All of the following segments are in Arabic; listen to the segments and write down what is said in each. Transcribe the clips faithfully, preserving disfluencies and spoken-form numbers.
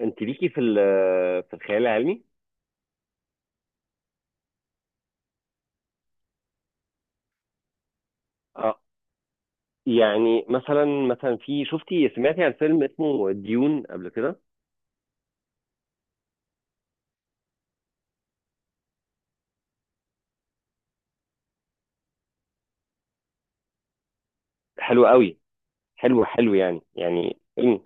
انت ليكي في ال- في الخيال العلمي؟ اه. يعني مثلا مثلا في شفتي سمعتي عن فيلم اسمه ديون قبل كده. حلو قوي. حلو حلو، يعني يعني فيلم.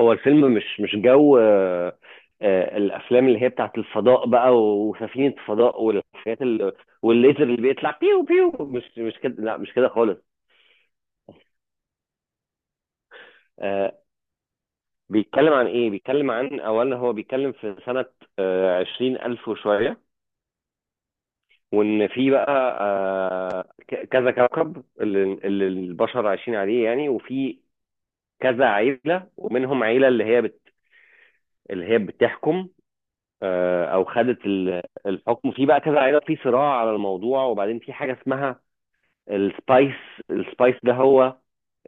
هو الفيلم مش مش جو آه، آه، الافلام اللي هي بتاعت الفضاء بقى، وسفينه فضاء، والحاجات ال- والليزر اللي بيطلع بيو بيو. مش مش كده، لا، مش كده خالص. آه، بيتكلم عن ايه؟ بيتكلم عن، اولا هو بيتكلم في سنه آه، عشرين الف وشويه. وان في بقى، آه، ك- كذا كوكب اللي, اللي البشر عايشين عليه، يعني. وفي كذا عيله، ومنهم عيله اللي هي بت... اللي هي بتحكم. آه، او خدت ال- الحكم، في بقى كذا عيله في صراع على الموضوع. وبعدين في حاجه اسمها السبايس. السبايس ده هو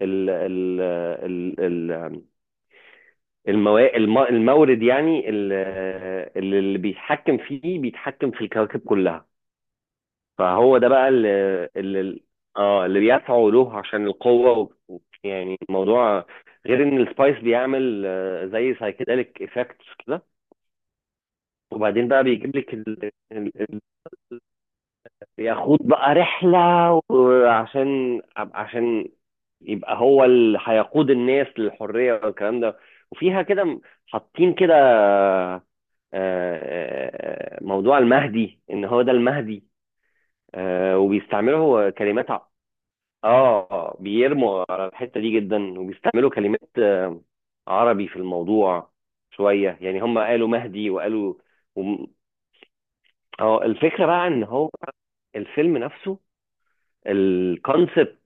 ال ال ال ال الموا- الم- المورد، يعني ال- اللي بيتحكم فيه، بيتحكم في الكواكب كلها. فهو ده بقى اللي اللي اه اللي بيدفعوا له عشان القوة، و- و- يعني الموضوع. غير ان السبايس بيعمل آه، زي سايكيدليك افكتس كده. وبعدين بقى بيجيب لك ال... ال... ال... ياخد بقى رحلة، وعشان عشان يبقى هو اللي هيقود الناس للحرية والكلام ده. وفيها كده م- حاطين كده، آه، آه، آه، موضوع المهدي، ان هو ده المهدي. آه، وبيستعملوا كلمات. اه، بيرموا على الحتة دي جدا، وبيستعملوا كلمات آه، عربي في الموضوع شوية، يعني هم قالوا مهدي وقالوا، وم- اه، الفكرة بقى ان هو الفيلم نفسه، الكونسبت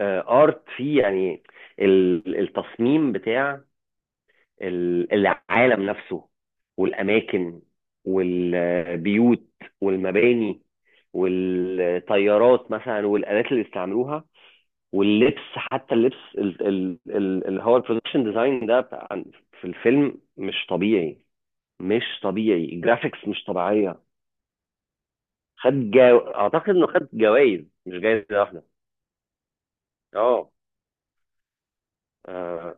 ارت فيه يعني. ال- التصميم بتاع ال- العالم نفسه، والاماكن، والبيوت، والمباني، والطيارات مثلا، والالات اللي استعملوها، واللبس، حتى اللبس ال- ال- ال- اللي هو البرودكشن ديزاين ده، عن- في الفيلم مش طبيعي. مش طبيعي. الجرافيكس مش طبيعية. خد جو... اعتقد انه خد جوائز، مش جايزة واحدة. اه. آه.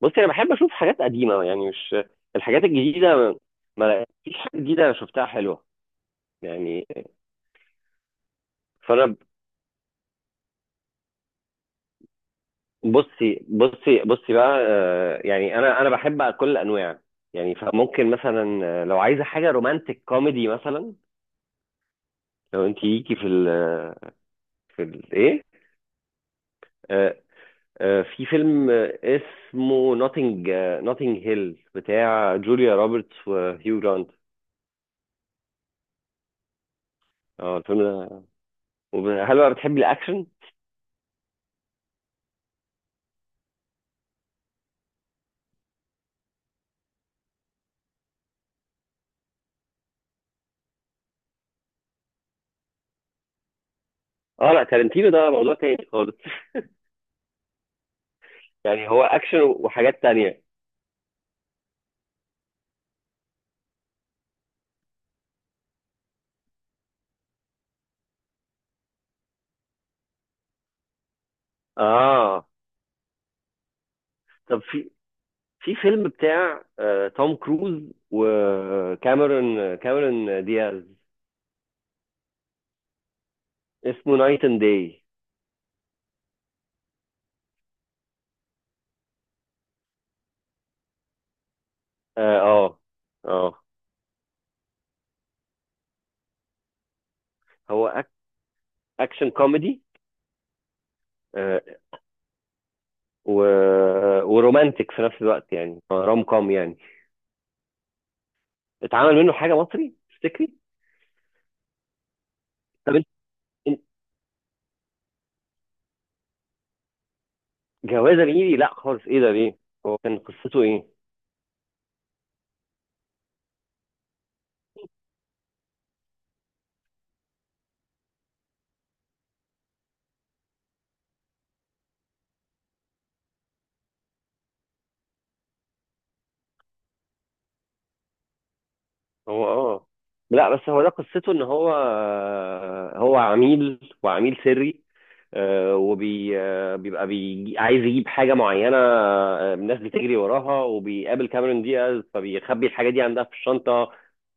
بصي، انا بحب اشوف حاجات قديمة، يعني مش الحاجات الجديدة. ما فيش حاجة جديدة انا شفتها حلوة، يعني. فانا ب- بصي بصي بصي بقى، آه، يعني انا انا بحب كل الانواع، يعني. فممكن مثلا، آه، لو عايزه حاجه رومانتك كوميدي، مثلا لو انت ليكي في ال في ال ايه. آه آه في فيلم آه، اسمه نوتنج نوتنج هيل، بتاع جوليا روبرتس وهيو جرانت. اه، الفيلم ده. وب- هل بقى بتحبي الاكشن؟ اه، لا، تارنتينو ده موضوع تاني خالص. يعني هو اكشن وحاجات تانية. اه. طب في في فيلم بتاع آه توم كروز وكاميرون كاميرون دياز. اسمه نايت اند داي. اه، اه. آه. هو أك- اكشن كوميدي، آه، و... ورومانتك في نفس الوقت، يعني روم كوم يعني. اتعمل منه حاجه مصري، تفتكري؟ طب انت، إنت- جوازه ميري؟ لا خالص، ايه ده، ليه؟ هو كان قصته ايه؟ هو، اه لا، بس هو ده قصته، ان هو هو عميل، وعميل سري. آه، وبي آه، بيبقى بيجي عايز يجيب حاجه معينه، آه، الناس بتجري وراها، وبيقابل كاميرون دياز، فبيخبي الحاجه دي عندها في الشنطه.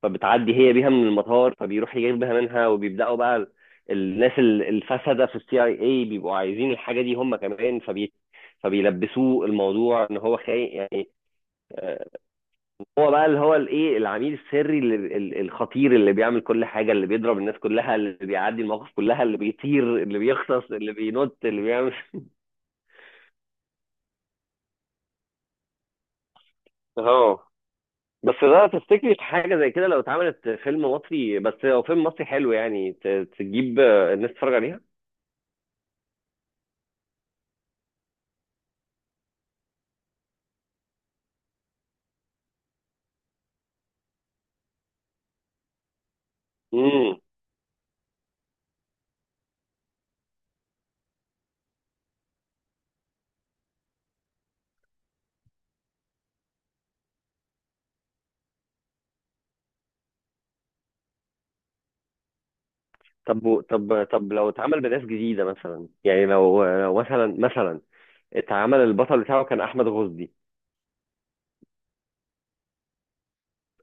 فبتعدي هي بيها من المطار، فبيروح يجيبها منها، وبيبداوا بقى ال- الناس ال- الفسده في السي اي اي، بيبقوا عايزين الحاجه دي هم كمان، فبي فبيلبسوه الموضوع ان هو خاين، يعني. آه، هو بقى اللي هو الايه، العميل السري اللي ال- الخطير، اللي بيعمل كل حاجه، اللي بيضرب الناس كلها، اللي بيعدي المواقف كلها، اللي بيطير، اللي بيختص، اللي بينط، اللي بيعمل. اه. بس ده، تفتكري حاجه زي كده لو اتعملت فيلم مصري؟ بس هو فيلم مصري حلو، يعني ت- تجيب آه، الناس تتفرج عليها. امم. طب، و- طب طب لو اتعمل بناس جديده مثلا، يعني لو لو مثلا مثلا اتعمل البطل بتاعه كان احمد غزدي.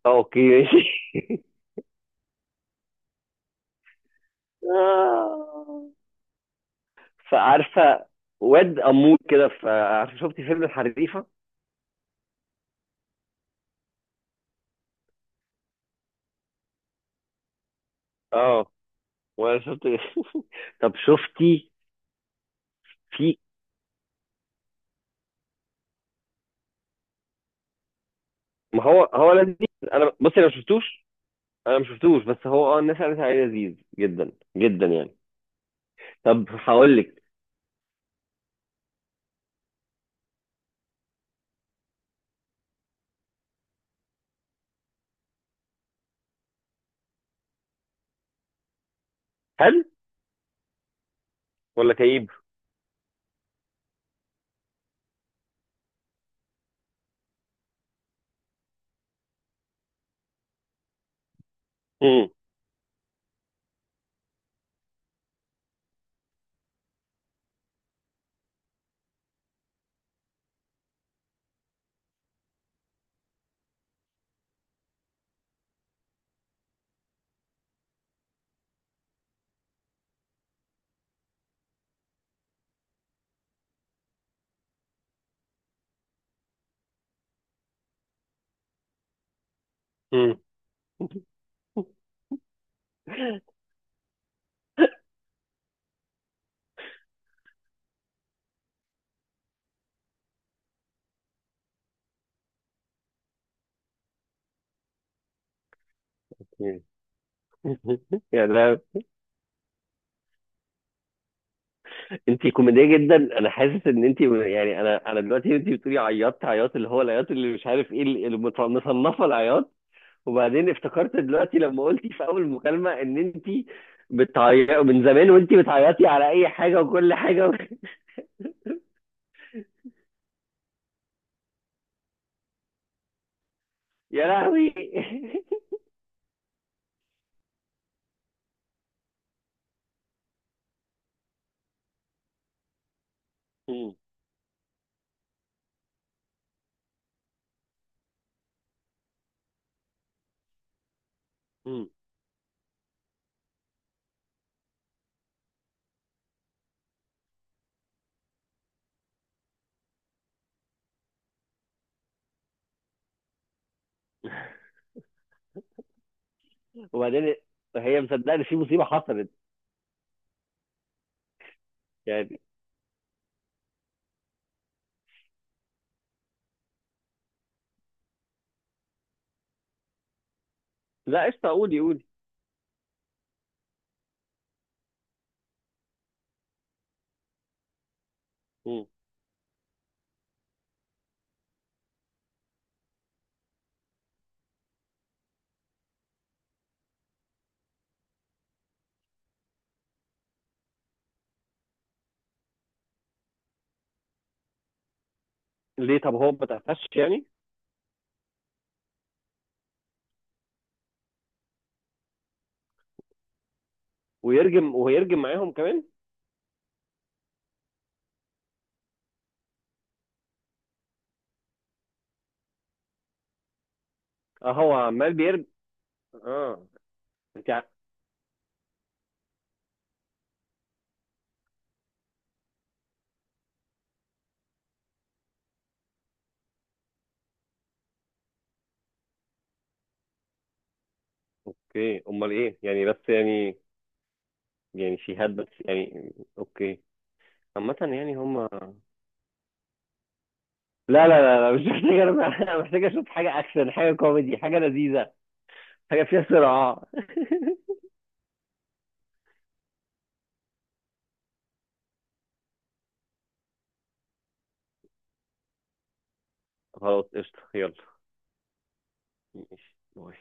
اوكي ماشي. فعارفه واد امور كده؟ فعارفه، شفتي فيلم الحريفه؟ اه، وانا شفت. طب شفتي. في ما هو هو لذيذ. انا، بصي، انا ما شفتوش، انا ما شفتوش، بس هو، اه الناس قالت عليه لذيذ جدا، جدا يعني. طب هقول لك. هل ولا كئيب؟ امم. مم. يعني، أنا- انت كوميديه جدا. انا حاسس ان انت، يعني انا انا دلوقتي، انت بتقولي عيطت عياط اللي هو العياط، اللي مش عارف ايه، اللي اللي مت- مصنفه العياط. وبعدين افتكرت دلوقتي لما قلتي في اول مكالمه ان انت بتعيطي من زمان، وانت بتعيطي على اي حاجه وكل حاجه، و... يا لهوي. مم. مم. وبعدين، هي مصدقه ان في مصيبه حصلت، يعني؟ لا قشطه، قولي قولي. مم. ليه طب، هو ما تقفش يعني؟ ويرجم، ويرجم معاهم كمان؟ اه، هو عمال بيرجم. اه. انت ع... اوكي، امال ايه يعني، بس يعني. يعني شهاد، بس يعني، اوكي. عامة يعني هم. لا، لا، لا، لا، مش محتاج، انا أنا محتاج اشوف حاجه اكشن، حاجه كوميدي، حاجه لذيذه، حاجه فيها صراع. خلاص قشطه، يلا. ماشي، باي.